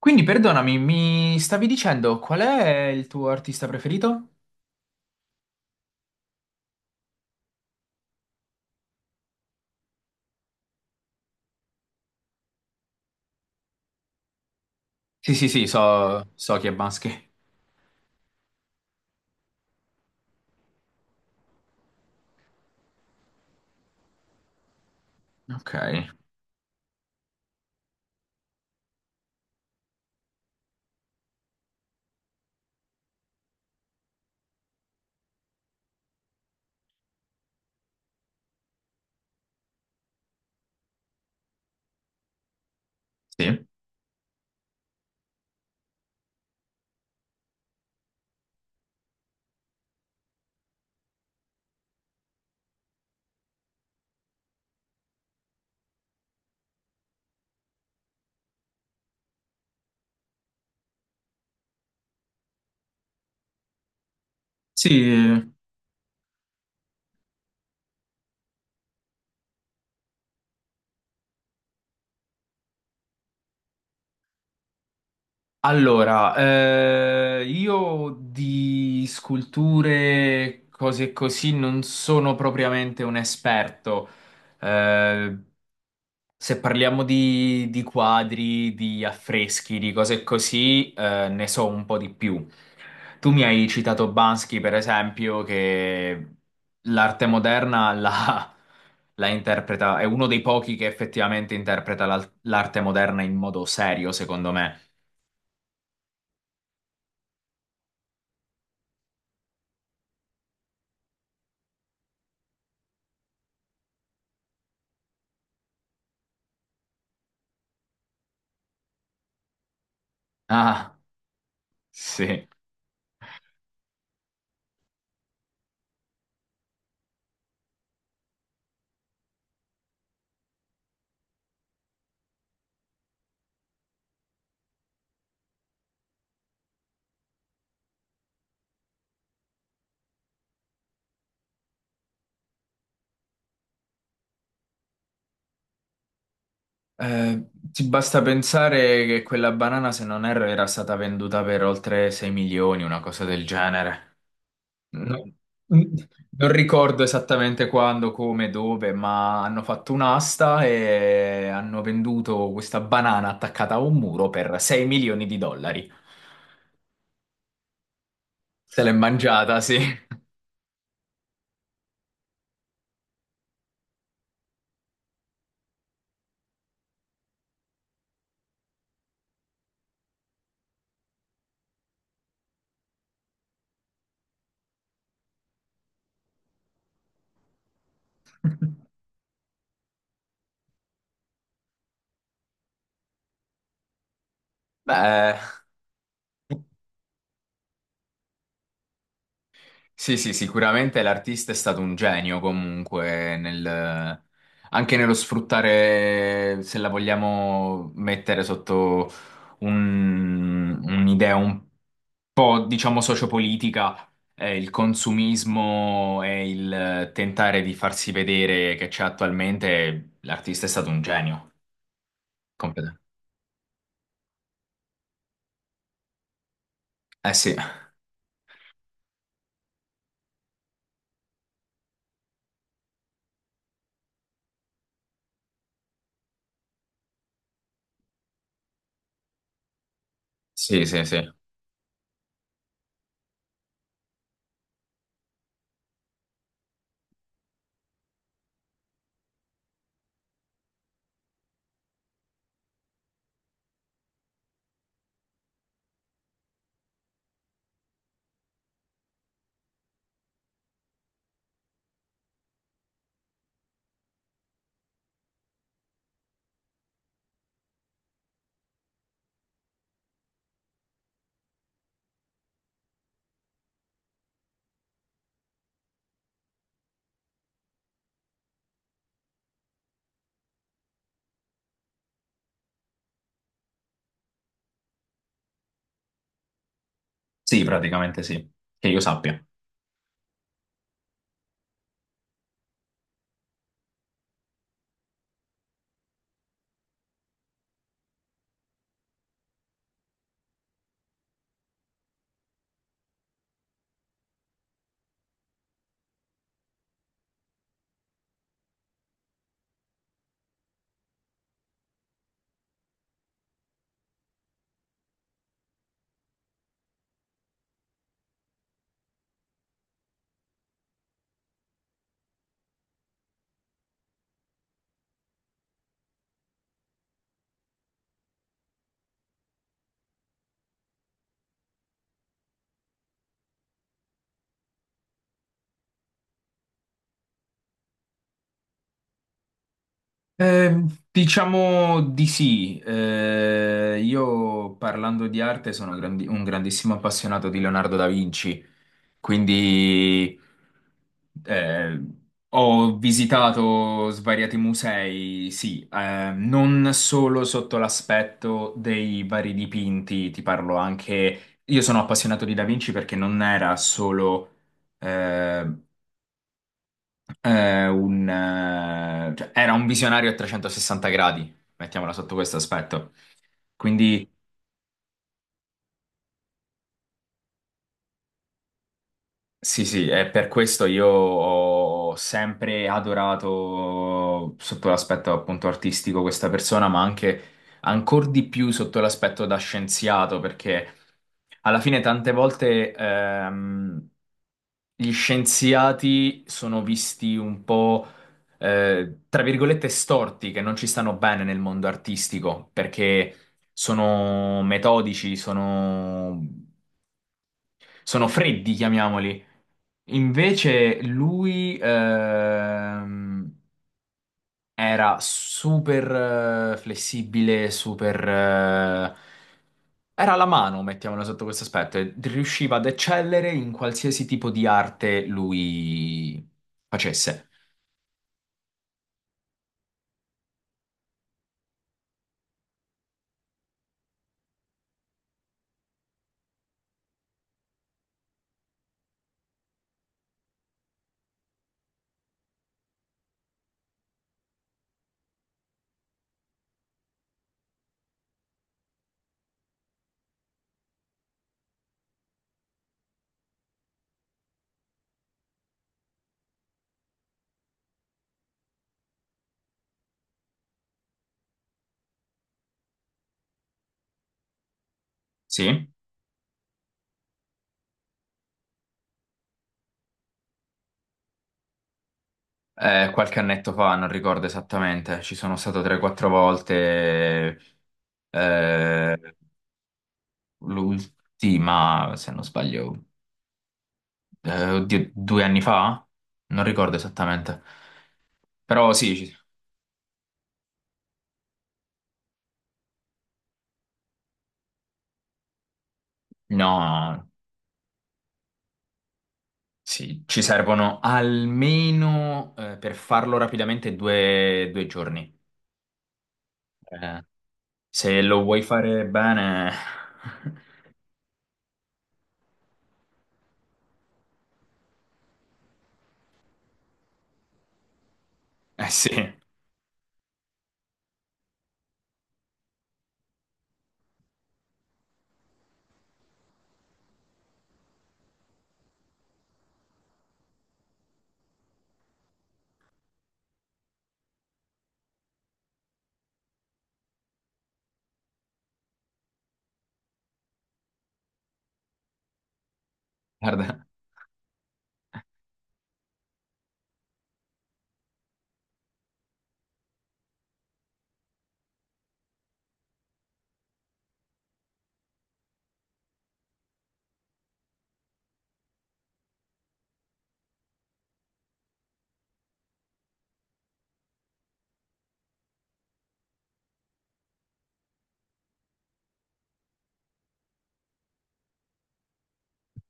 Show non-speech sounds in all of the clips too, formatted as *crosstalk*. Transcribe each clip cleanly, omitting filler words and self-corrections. Quindi perdonami, mi stavi dicendo qual è il tuo artista preferito? Sì, sì, sì, so, so chi è Baschi. Ok. Sì. Sì, io di sculture, cose così, non sono propriamente un esperto. Eh, Se parliamo di quadri, di affreschi, di cose così, ne so un po' di più. Tu mi hai citato Bansky, per esempio, che l'arte moderna la, la interpreta, è uno dei pochi che effettivamente interpreta l'arte moderna in modo serio, secondo me. Ah, sì. Ti basta pensare che quella banana, se non erro, era stata venduta per oltre 6 milioni, una cosa del genere. No, non ricordo esattamente quando, come, dove, ma hanno fatto un'asta e hanno venduto questa banana attaccata a un muro per 6 milioni di dollari. Se l'è mangiata, sì. *laughs* Beh, sì, sì, sicuramente l'artista è stato un genio comunque nel... anche nello sfruttare, se la vogliamo mettere sotto un'idea un po', diciamo, sociopolitica, il consumismo e il tentare di farsi vedere che c'è attualmente, l'artista è stato un genio. Completamente. Eh sì, sì, sì, sì. Sì, praticamente sì. Che io sappia. Eh, diciamo di sì. Io parlando di arte sono un grandissimo appassionato di Leonardo da Vinci, quindi eh, ho visitato svariati musei, sì, non solo sotto l'aspetto dei vari dipinti, ti parlo anche... Io sono appassionato di Da Vinci perché non era solo eh, cioè, era un visionario a 360 gradi, mettiamola sotto questo aspetto. Quindi sì, sì, e per questo io ho sempre adorato sotto l'aspetto appunto artistico questa persona, ma anche ancora di più sotto l'aspetto da scienziato, perché alla fine tante volte gli scienziati sono visti un po' tra virgolette storti, che non ci stanno bene nel mondo artistico, perché sono metodici, sono, sono freddi, chiamiamoli. Invece lui era super flessibile, super... era la mano, mettiamola sotto questo aspetto, e riusciva ad eccellere in qualsiasi tipo di arte lui facesse. Sì. Qualche annetto fa, non ricordo esattamente, ci sono stato 3-4 volte, eh, l'ultima, se non sbaglio, eh, oddio, due anni fa? Non ricordo esattamente. Però sì, no, sì, ci servono almeno per farlo rapidamente due giorni. Eh, se lo vuoi fare bene, *laughs* eh guarda,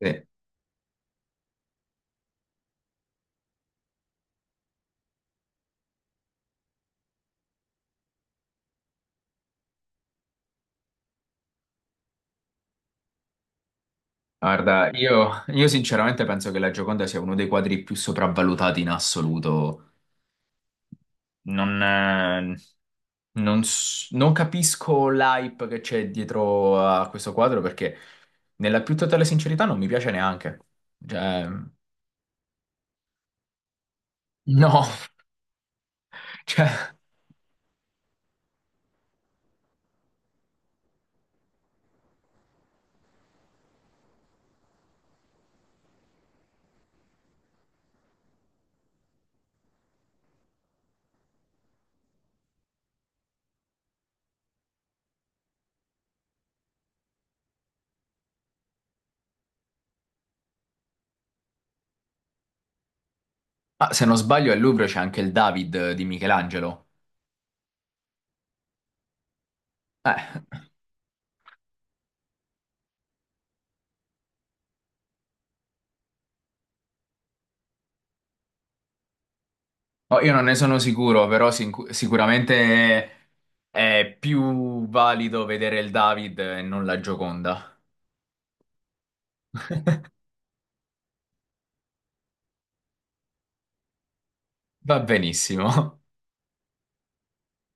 sì. Guarda, io sinceramente penso che la Gioconda sia uno dei quadri più sopravvalutati in assoluto. Non. eh, Non capisco l'hype che c'è dietro a questo quadro perché, nella più totale sincerità, non mi piace neanche. Cioè, no, *laughs* cioè, ah, se non sbaglio, al Louvre c'è anche il David di Michelangelo. Eh, oh, io non ne sono sicuro, però sicuramente è più valido vedere il David e non la Gioconda. Va benissimo. *laughs*